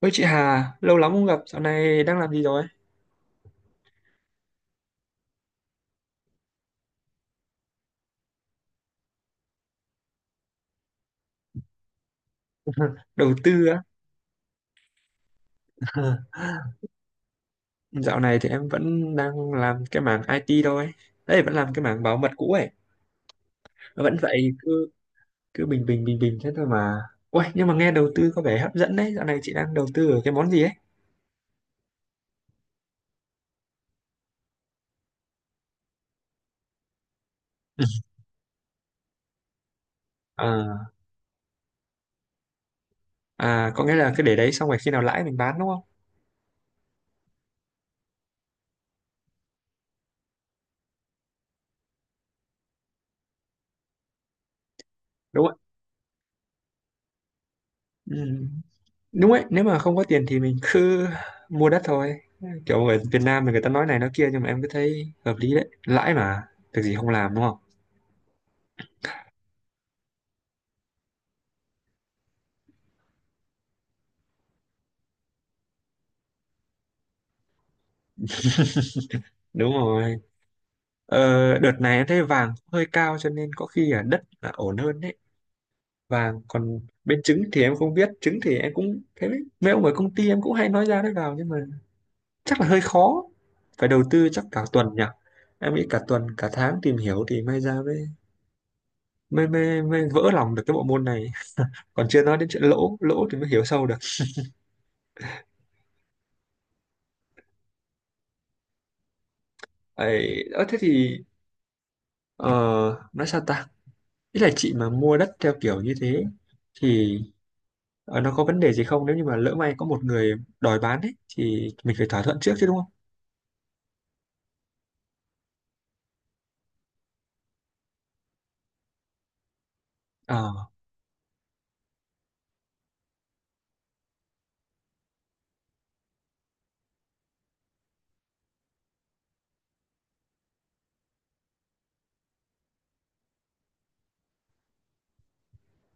Ôi chị Hà, lâu lắm không gặp, dạo này đang làm gì rồi? Đầu tư á. Dạo này thì em vẫn đang làm cái mảng IT thôi. Đấy, vẫn làm cái mảng bảo mật cũ ấy. Vẫn vậy, cứ cứ bình bình bình bình thế thôi mà. Ôi, nhưng mà nghe đầu tư có vẻ hấp dẫn đấy. Dạo này chị đang đầu tư ở cái món gì ấy? À, à có nghĩa là cứ để đấy xong rồi khi nào lãi mình bán đúng không? Đúng ạ. Ừ. Đúng ấy, nếu mà không có tiền thì mình cứ mua đất thôi. Kiểu ở Việt Nam thì người ta nói này nói kia nhưng mà em cứ thấy hợp lý đấy. Lãi mà, việc gì không làm đúng không? Đúng rồi. Ờ, đợt này em thấy vàng hơi cao cho nên có khi là đất là ổn hơn đấy. Vàng còn bên trứng thì em không biết, trứng thì em cũng thấy đấy. Mấy ông ở công ty em cũng hay nói ra nói vào nhưng mà chắc là hơi khó. Phải đầu tư chắc cả tuần nhỉ. Em nghĩ cả tuần, cả tháng tìm hiểu thì may ra mới vỡ lòng được cái bộ môn này. Còn chưa nói đến chuyện lỗ, lỗ thì mới hiểu sâu được. Ấy, thế thì ờ, nói sao ta? Ý là chị mà mua đất theo kiểu như thế thì nó có vấn đề gì không nếu như mà lỡ may có một người đòi bán ấy thì mình phải thỏa thuận trước chứ đúng không? Ờ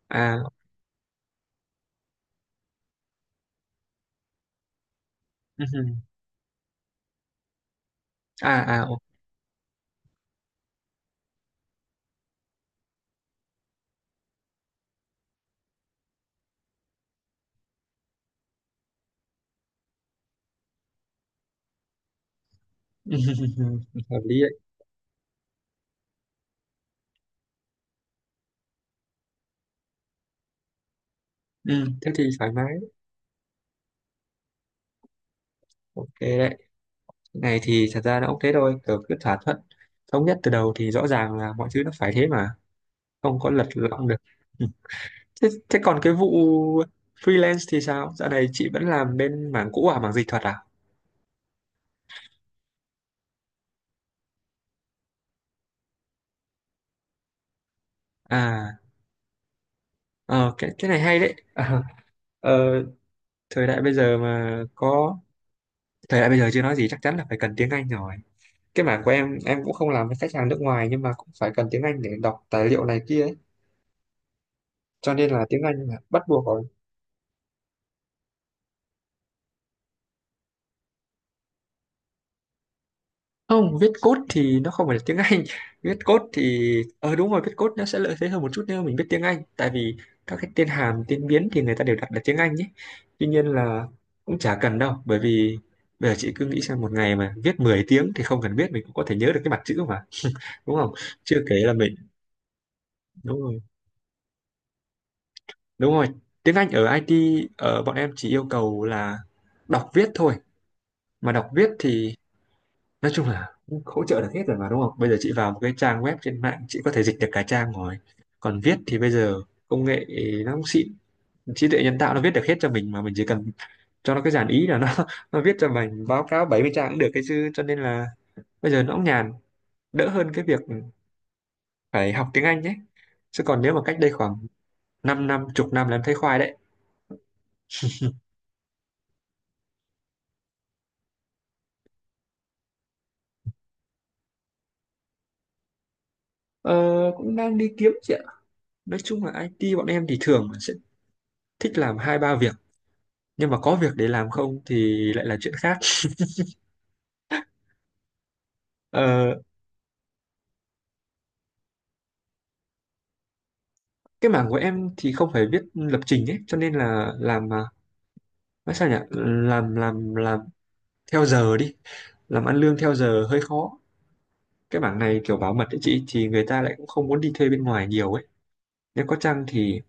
à ừ, ừ. À à ok. Hợp lý đấy. Ừ, thế thì thoải mái ok đấy. Cái này thì thật ra nó cũng thế thôi, kiểu cứ thỏa thuận thống nhất từ đầu thì rõ ràng là mọi thứ nó phải thế mà không có lật lọng được. Ừ. Thế, thế còn cái vụ freelance thì sao? Dạo này chị vẫn làm bên mảng cũ à, mảng dịch thuật à? À, ờ, cái này hay đấy. Ờ, thời đại bây giờ mà có Thời đại bây giờ chưa nói gì chắc chắn là phải cần tiếng Anh rồi. Cái mảng của em cũng không làm với khách hàng nước ngoài nhưng mà cũng phải cần tiếng Anh để đọc tài liệu này kia ấy. Cho nên là tiếng Anh là bắt buộc rồi. Không, viết code thì nó không phải là tiếng Anh. Viết code thì ờ đúng rồi, viết code nó sẽ lợi thế hơn một chút nếu mà mình biết tiếng Anh tại vì các cái tên hàm, tên biến thì người ta đều đặt là tiếng Anh ấy. Tuy nhiên là cũng chả cần đâu bởi vì bây giờ chị cứ nghĩ xem một ngày mà viết 10 tiếng thì không cần biết mình cũng có thể nhớ được cái mặt chữ mà, đúng không? Chưa kể là mình đúng rồi. Đúng rồi, tiếng Anh ở IT ở bọn em chỉ yêu cầu là đọc viết thôi. Mà đọc viết thì nói chung là hỗ trợ được hết rồi mà đúng không? Bây giờ chị vào một cái trang web trên mạng chị có thể dịch được cả trang rồi. Còn viết thì bây giờ công nghệ nó cũng xịn, trí tuệ nhân tạo nó viết được hết cho mình mà mình chỉ cần cho nó cái dàn ý là nó nó viết cho mình báo cáo 70 trang cũng được cái chứ cho nên là bây giờ nó cũng nhàn, đỡ hơn cái việc phải học tiếng Anh nhé. Chứ còn nếu mà cách đây khoảng 5 năm, chục năm là em thấy khoai đấy. Ờ, cũng đang đi kiếm chị ạ, nói chung là IT bọn em thì thường sẽ thích làm hai ba việc nhưng mà có việc để làm không thì lại là chuyện khác. Ờ, cái mảng của em thì không phải viết lập trình ấy cho nên là làm mà nói sao nhỉ làm theo giờ đi, làm ăn lương theo giờ hơi khó, cái mảng này kiểu bảo mật ấy chị thì người ta lại cũng không muốn đi thuê bên ngoài nhiều ấy, nếu có chăng thì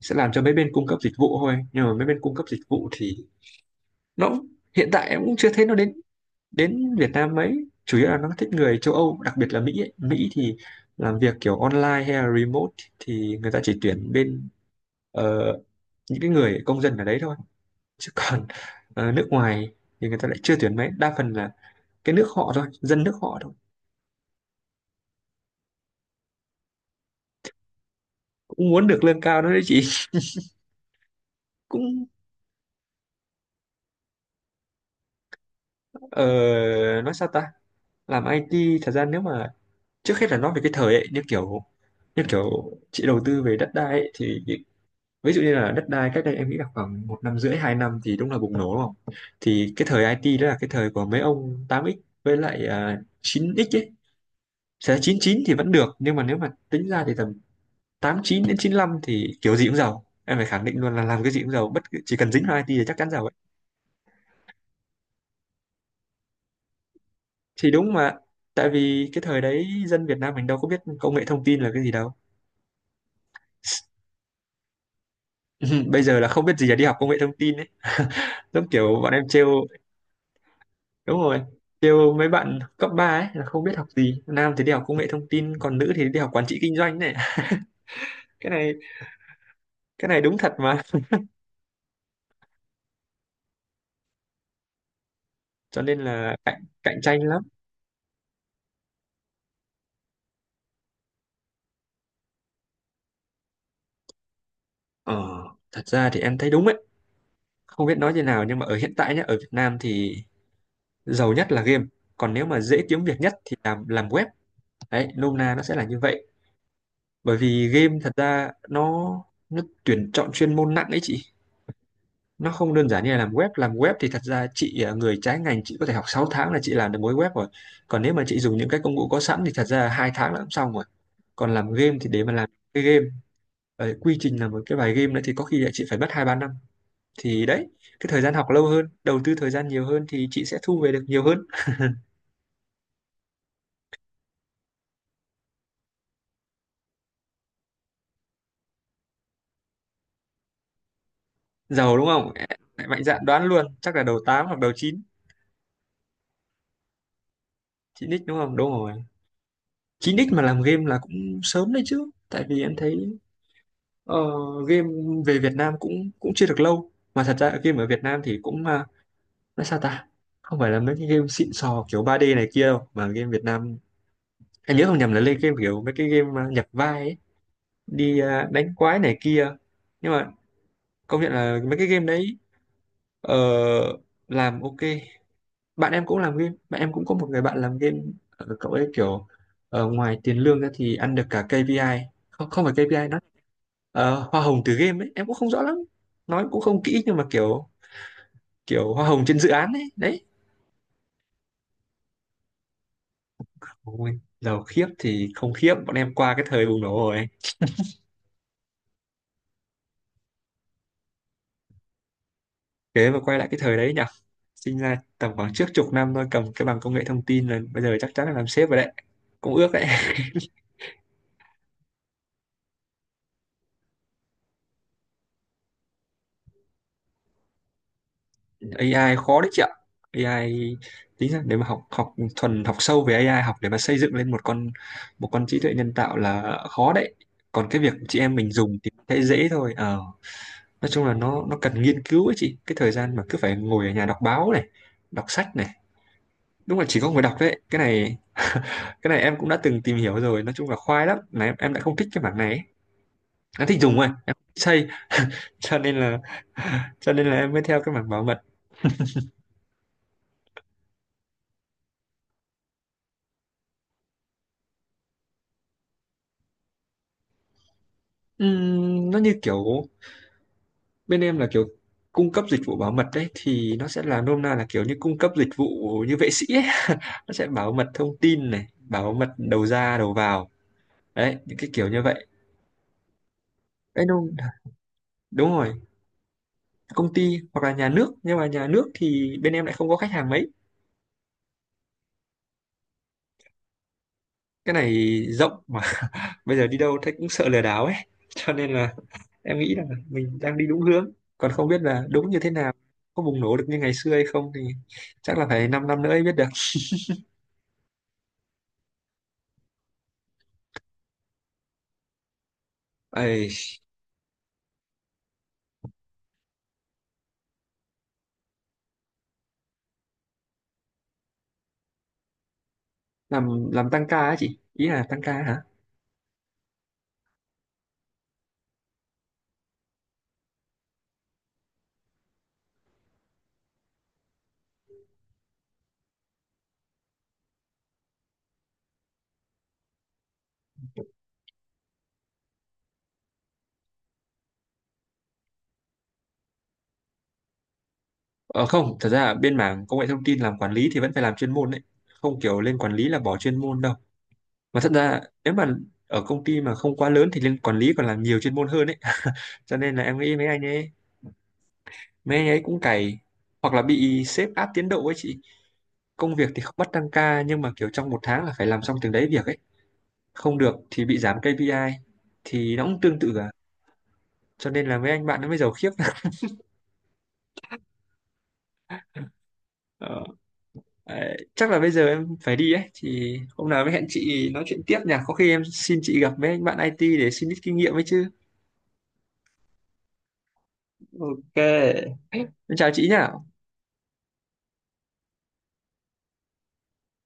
sẽ làm cho mấy bên cung cấp dịch vụ thôi nhưng mà mấy bên cung cấp dịch vụ thì nó cũng- hiện tại em cũng chưa thấy nó đến đến Việt Nam mấy, chủ yếu là nó thích người châu Âu đặc biệt là Mỹ ấy. Mỹ thì làm việc kiểu online hay là remote thì người ta chỉ tuyển bên ờ, những cái người công dân ở đấy thôi chứ còn ờ, nước ngoài thì người ta lại chưa tuyển mấy, đa phần là cái nước họ thôi dân nước họ thôi, cũng muốn được lương cao đó đấy chị. Cũng ờ, nói sao ta, làm IT thật ra nếu mà trước hết là nói về cái thời ấy như kiểu chị đầu tư về đất đai ấy, thì ví dụ như là đất đai cách đây em nghĩ là khoảng một năm rưỡi hai năm thì đúng là bùng nổ đúng không, thì cái thời IT đó là cái thời của mấy ông 8x với lại à, 9x ấy, sẽ 99 thì vẫn được nhưng mà nếu mà tính ra thì tầm 89 đến 95 thì kiểu gì cũng giàu, em phải khẳng định luôn là làm cái gì cũng giàu bất cứ- chỉ cần dính vào IT thì chắc chắn giàu ấy, thì đúng mà tại vì cái thời đấy dân Việt Nam mình đâu có biết công nghệ thông tin là cái gì đâu. Bây giờ là không biết gì là đi học công nghệ thông tin ấy. Giống kiểu bọn em trêu đúng rồi, kêu mấy bạn cấp 3 ấy là không biết học gì nam thì đi học công nghệ thông tin còn nữ thì đi học quản trị kinh doanh này. cái này cái này đúng thật mà cho nên là cạnh cạnh tranh lắm. Ờ thật ra thì em thấy đúng ấy, không biết nói thế nào nhưng mà ở hiện tại nhá ở Việt Nam thì giàu nhất là game, còn nếu mà dễ kiếm việc nhất thì làm web, đấy nôm na nó sẽ là như vậy, bởi vì game thật ra nó tuyển chọn chuyên môn nặng ấy chị, nó không đơn giản như là làm web, làm web thì thật ra chị à, người trái ngành chị có thể học 6 tháng là chị làm được mối web rồi, còn nếu mà chị dùng những cái công cụ có sẵn thì thật ra 2 tháng là cũng xong rồi. Còn làm game thì để mà làm cái game quy trình làm một cái bài game nữa thì có khi là chị phải mất hai ba năm, thì đấy cái thời gian học lâu hơn đầu tư thời gian nhiều hơn thì chị sẽ thu về được nhiều hơn. Giàu đúng không. Lại mạnh dạn đoán luôn chắc là đầu 8 hoặc đầu chín, chín x đúng không đúng rồi, chín x mà làm game là cũng sớm đấy chứ tại vì em thấy Ờ, game về Việt Nam cũng cũng chưa được lâu mà, thật ra game ở Việt Nam thì cũng à, nói sao ta, không phải là mấy cái game xịn sò kiểu 3D này kia đâu, mà game Việt Nam anh nhớ không nhầm là lên game kiểu mấy cái game à, nhập vai ấy, đi à, đánh quái này kia, nhưng mà công nhận là mấy cái game đấy ờ, làm ok. Bạn em cũng làm game, bạn em cũng có một người bạn làm game. Ờ, cậu ấy kiểu ngoài tiền lương ra thì ăn được cả KPI, không không phải KPI nó hoa hồng từ game ấy em cũng không rõ lắm, nói cũng không kỹ nhưng mà kiểu kiểu hoa hồng trên dự án ấy đấy. Ôi, giàu khiếp thì không khiếp, bọn em qua cái thời bùng nổ rồi, thế mà quay lại cái thời đấy nhỉ, sinh ra tầm khoảng trước chục năm thôi cầm cái bằng công nghệ thông tin là bây giờ chắc chắn là làm sếp rồi đấy, cũng ước đấy. AI khó đấy chị ạ, AI tính ra nếu mà học học thuần học sâu về AI học để mà xây dựng lên một con trí tuệ nhân tạo là khó đấy, còn cái việc chị em mình dùng thì thấy dễ thôi. Ờ, nói chung là nó cần nghiên cứu ấy chị, cái thời gian mà cứ phải ngồi ở nhà đọc báo này đọc sách này đúng là chỉ có người đọc đấy. Cái này em cũng đã từng tìm hiểu rồi, nói chung là khoai lắm, là em lại không thích cái mảng này ấy. Em thích dùng thôi em không thích xây. Cho nên là cho nên là em mới theo cái mảng bảo mật. Nó như kiểu bên em là kiểu cung cấp dịch vụ bảo mật đấy, thì nó sẽ là nôm na là kiểu như cung cấp dịch vụ như vệ sĩ ấy. Nó sẽ bảo mật thông tin này, bảo mật đầu ra đầu vào đấy, những cái kiểu như vậy đấy. Đúng, đúng rồi, công ty hoặc là nhà nước, nhưng mà nhà nước thì bên em lại không có khách hàng mấy, cái này rộng mà. Bây giờ đi đâu thấy cũng sợ lừa đảo ấy. Cho nên là em nghĩ là mình đang đi đúng hướng, còn không biết là đúng như thế nào, có bùng nổ được như ngày xưa hay không thì chắc là phải 5 năm năm nữa mới biết được. Ây, làm tăng ca á chị, ý là tăng ca hả? Ờ không, thật ra bên mảng công nghệ thông tin làm quản lý thì vẫn phải làm chuyên môn đấy, không kiểu lên quản lý là bỏ chuyên môn đâu, mà thật ra nếu mà ở công ty mà không quá lớn thì lên quản lý còn làm nhiều chuyên môn hơn ấy. Cho nên là em nghĩ mấy anh ấy cũng cày, hoặc là bị sếp áp tiến độ ấy chị, công việc thì không bắt tăng ca nhưng mà kiểu trong một tháng là phải làm xong từng đấy việc ấy, không được thì bị giảm KPI, thì nó cũng tương tự à, cho nên là mấy anh bạn nó mới giàu khiếp. Đấy, chắc là bây giờ em phải đi ấy thì hôm nào mới hẹn chị nói chuyện tiếp nhỉ, có khi em xin chị gặp với anh bạn IT để xin ít kinh nghiệm ấy chứ. Ok, em chào chị nhỉ.